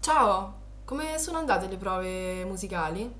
Ciao, come sono andate le prove musicali?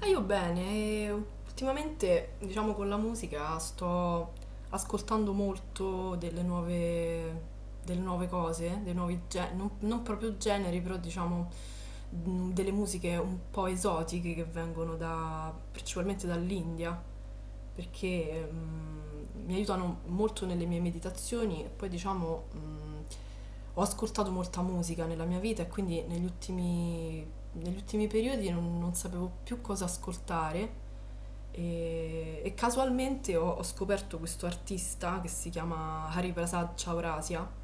Ah, io bene, e ultimamente, diciamo, con la musica sto ascoltando molto delle nuove cose, dei nuovi generi, non proprio generi, però diciamo delle musiche un po' esotiche che vengono da, principalmente dall'India. Perché mi aiutano molto nelle mie meditazioni e poi diciamo ho ascoltato molta musica nella mia vita e quindi negli ultimi periodi non sapevo più cosa ascoltare e casualmente ho scoperto questo artista che si chiama Hariprasad Chaurasia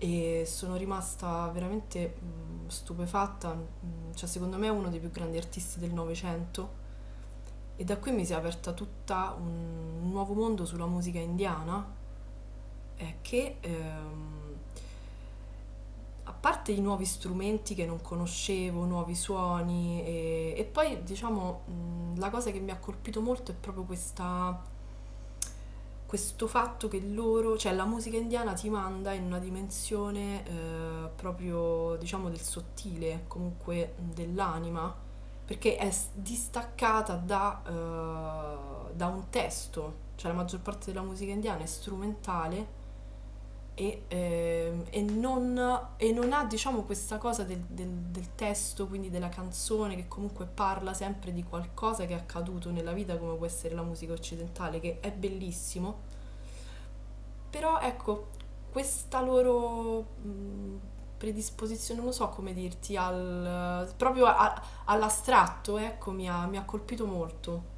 e sono rimasta veramente stupefatta, cioè secondo me è uno dei più grandi artisti del Novecento e da qui mi si è aperta tutta un nuovo mondo sulla musica indiana eh, che, ehm, a parte i nuovi strumenti che non conoscevo, nuovi suoni, e poi diciamo la cosa che mi ha colpito molto è proprio questa questo fatto che loro, cioè la musica indiana ti manda in una dimensione proprio diciamo del sottile, comunque dell'anima, perché distaccata da, da un testo, cioè la maggior parte della musica indiana è strumentale e, e non ha diciamo questa cosa del, del testo, quindi della canzone che comunque parla sempre di qualcosa che è accaduto nella vita come può essere la musica occidentale, che è bellissimo. Però ecco, questa loro predisposizione, non so come dirti, al, proprio all'astratto, ecco, mi ha colpito molto.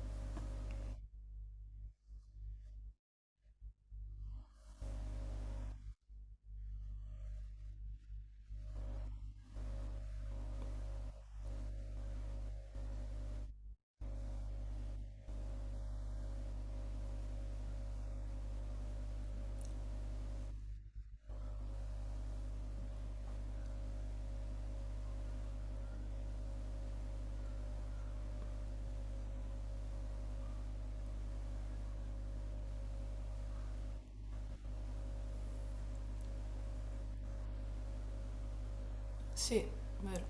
Sì, vero.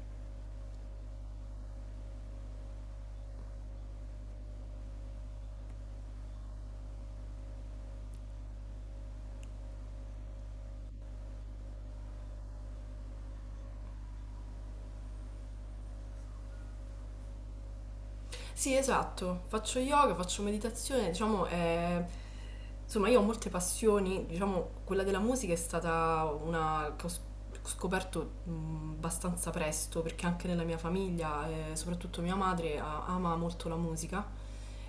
Sì, esatto. Faccio yoga, faccio meditazione, diciamo, insomma, io ho molte passioni, diciamo, quella della musica è stata una che scoperto abbastanza presto, perché anche nella mia famiglia, soprattutto mia madre, ama molto la musica.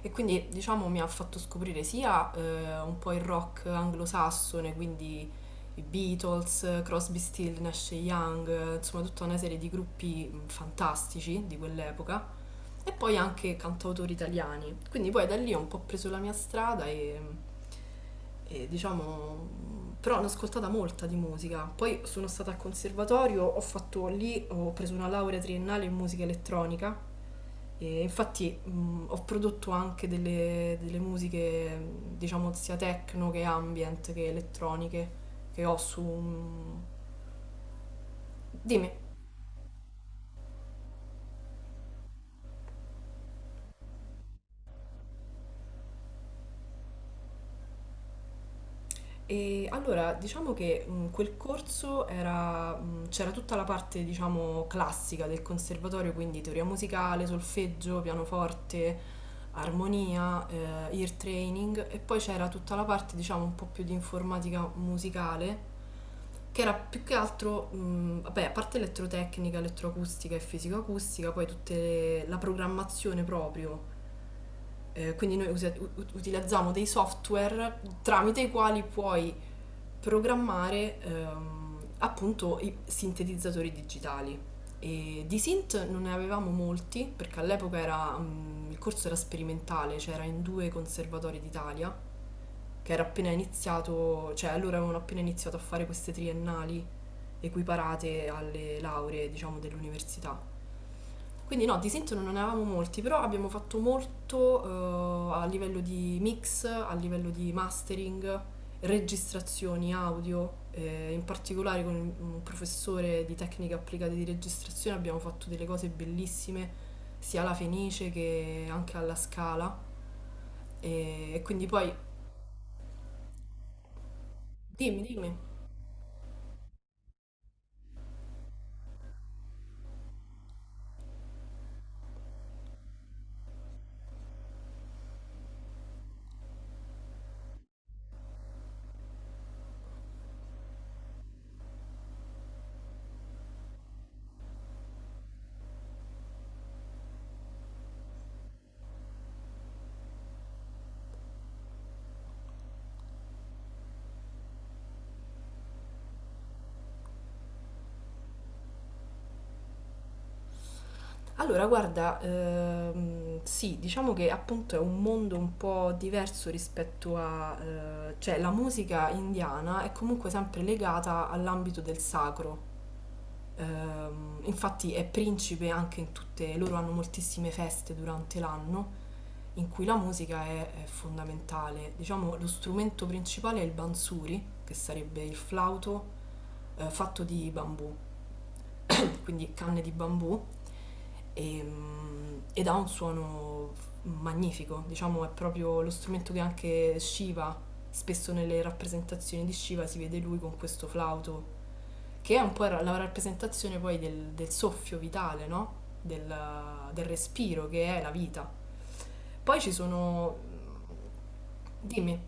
E quindi diciamo mi ha fatto scoprire sia un po' il rock anglosassone, quindi i Beatles, Crosby, Still, Nash e Young, insomma tutta una serie di gruppi fantastici di quell'epoca, e poi anche cantautori italiani. Quindi poi da lì ho un po' preso la mia strada e, diciamo... Però ne ho ascoltata molta di musica. Poi sono stata al conservatorio, ho fatto lì, ho preso una laurea triennale in musica elettronica e infatti ho prodotto anche delle, delle musiche, diciamo, sia techno che ambient che elettroniche, che ho su... Dimmi. E allora, diciamo che quel corso era, c'era tutta la parte, diciamo, classica del conservatorio, quindi teoria musicale, solfeggio, pianoforte, armonia, ear training, e poi c'era tutta la parte, diciamo, un po' più di informatica musicale che era più che altro, vabbè, a parte elettrotecnica, elettroacustica e fisicoacustica, poi tutta la programmazione proprio. Quindi noi utilizziamo dei software tramite i quali puoi programmare appunto i sintetizzatori digitali. E di synth non ne avevamo molti perché all'epoca era, il corso era sperimentale, cioè era in due conservatori d'Italia, che era appena iniziato, cioè allora avevano appena iniziato a fare queste triennali equiparate alle lauree, diciamo, dell'università. Quindi no, di Sint non ne avevamo molti, però abbiamo fatto molto a livello di mix, a livello di mastering, registrazioni audio, in particolare con un professore di tecniche applicate di registrazione abbiamo fatto delle cose bellissime, sia alla Fenice che anche alla Scala. E quindi poi, dimmi. Allora, guarda, sì, diciamo che appunto è un mondo un po' diverso rispetto a... cioè la musica indiana è comunque sempre legata all'ambito del sacro. Infatti è principe anche in tutte... loro hanno moltissime feste durante l'anno in cui la musica è fondamentale. Diciamo lo strumento principale è il bansuri, che sarebbe il flauto fatto di bambù, quindi canne di bambù e, ed ha un suono magnifico, diciamo è proprio lo strumento che anche Shiva, spesso nelle rappresentazioni di Shiva si vede lui con questo flauto, che è un po' la rappresentazione poi del, del soffio vitale, no? Del, del respiro che è la vita. Poi ci sono, dimmi.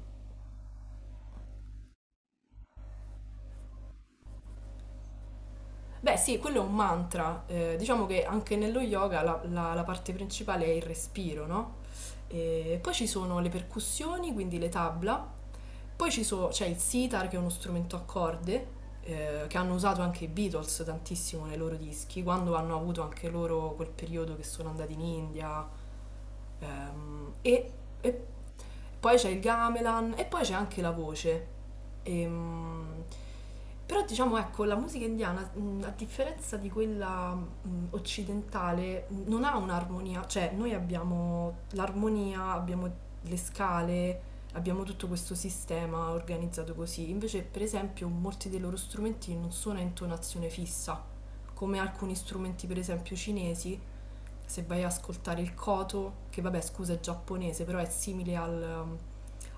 Beh sì, quello è un mantra, diciamo che anche nello yoga la, la parte principale è il respiro, no? E poi ci sono le percussioni, quindi le tabla. C'è il sitar, che è uno strumento a corde, che hanno usato anche i Beatles tantissimo nei loro dischi, quando hanno avuto anche loro quel periodo che sono andati in India. Ehm, e, e poi c'è il gamelan e poi c'è anche la voce. Ehm, però diciamo, ecco, la musica indiana, a differenza di quella occidentale, non ha un'armonia, cioè noi abbiamo l'armonia, abbiamo le scale, abbiamo tutto questo sistema organizzato così. Invece, per esempio, molti dei loro strumenti non sono a intonazione fissa, come alcuni strumenti, per esempio, cinesi. Se vai a ascoltare il koto, che vabbè scusa è giapponese, però è simile al,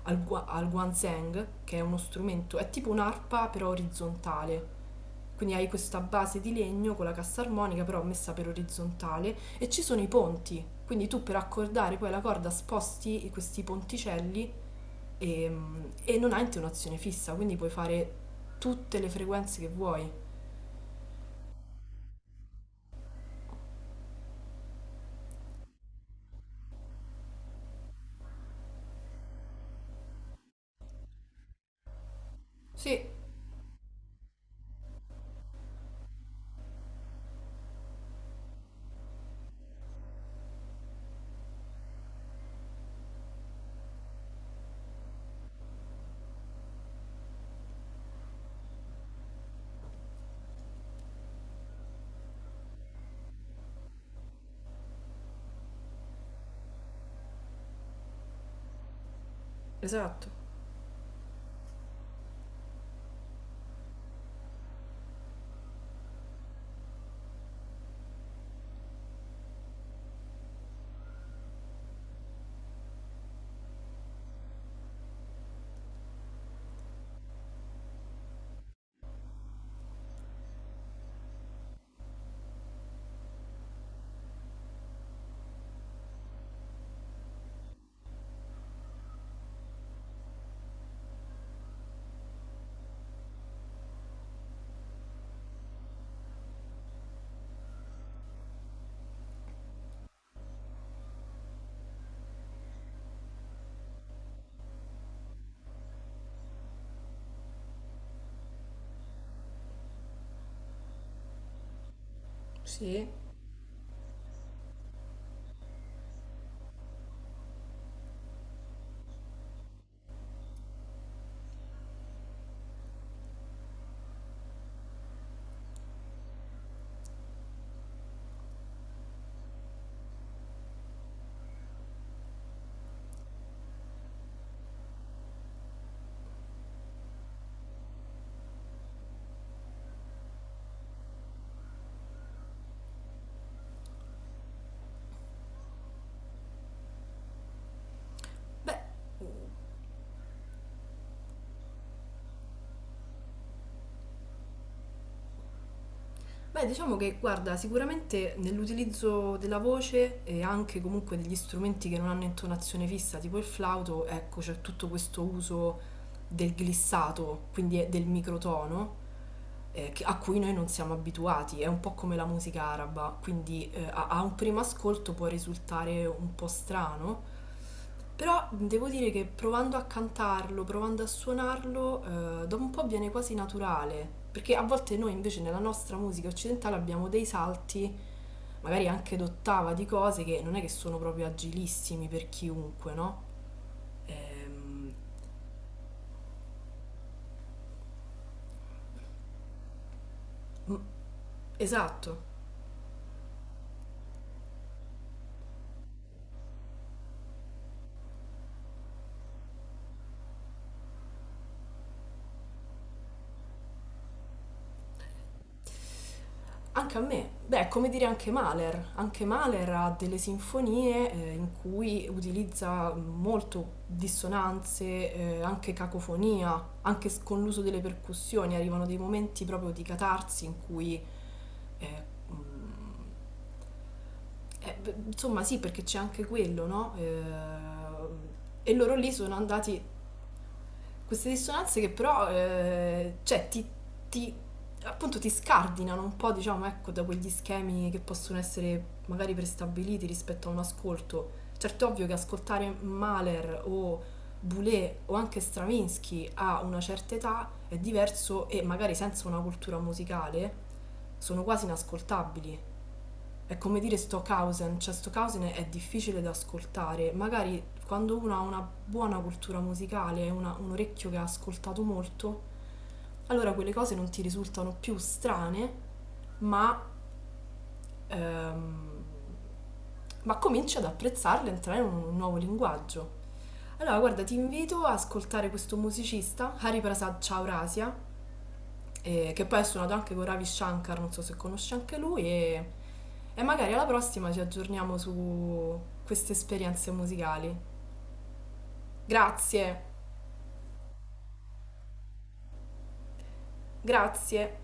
al, al guanzhang, che è uno strumento, è tipo un'arpa però orizzontale. Quindi hai questa base di legno con la cassa armonica però messa per orizzontale e ci sono i ponti. Quindi tu per accordare poi la corda sposti questi ponticelli e, e non hai un'azione fissa, quindi puoi fare tutte le frequenze che vuoi. Sì, esatto. Sì. Beh, diciamo che, guarda, sicuramente nell'utilizzo della voce e anche comunque degli strumenti che non hanno intonazione fissa, tipo il flauto, ecco, c'è tutto questo uso del glissato, quindi è del microtono, a cui noi non siamo abituati. È un po' come la musica araba, quindi a un primo ascolto può risultare un po' strano, però devo dire che provando a cantarlo, provando a suonarlo, dopo un po' viene quasi naturale, perché a volte noi invece nella nostra musica occidentale abbiamo dei salti, magari anche d'ottava, di cose che non è che sono proprio agilissimi per chiunque, no? Ehm, m- esatto. Anche a me, beh, è come dire anche Mahler. Anche Mahler ha delle sinfonie in cui utilizza molto dissonanze, anche cacofonia, anche con l'uso delle percussioni. Arrivano dei momenti proprio di catarsi in cui, eh, mm, beh, insomma, sì, perché c'è anche quello, no? E loro lì sono andati queste dissonanze che però cioè, ti- appunto ti scardinano un po', diciamo, ecco, da quegli schemi che possono essere magari prestabiliti rispetto a un ascolto. Certo è ovvio che ascoltare Mahler o Boulez o anche Stravinsky a una certa età è diverso e magari senza una cultura musicale sono quasi inascoltabili. È come dire Stockhausen, cioè Stockhausen è difficile da ascoltare, magari quando uno ha una buona cultura musicale, un orecchio che ha ascoltato molto, allora quelle cose non ti risultano più strane, ma, ehm, ma cominci ad apprezzarle, a entrare in un nuovo linguaggio. Allora, guarda, ti invito ad ascoltare questo musicista, Hariprasad Chaurasia, che poi è suonato anche con Ravi Shankar, non so se conosci anche lui, e magari alla prossima ci aggiorniamo su queste esperienze musicali. Grazie, grazie.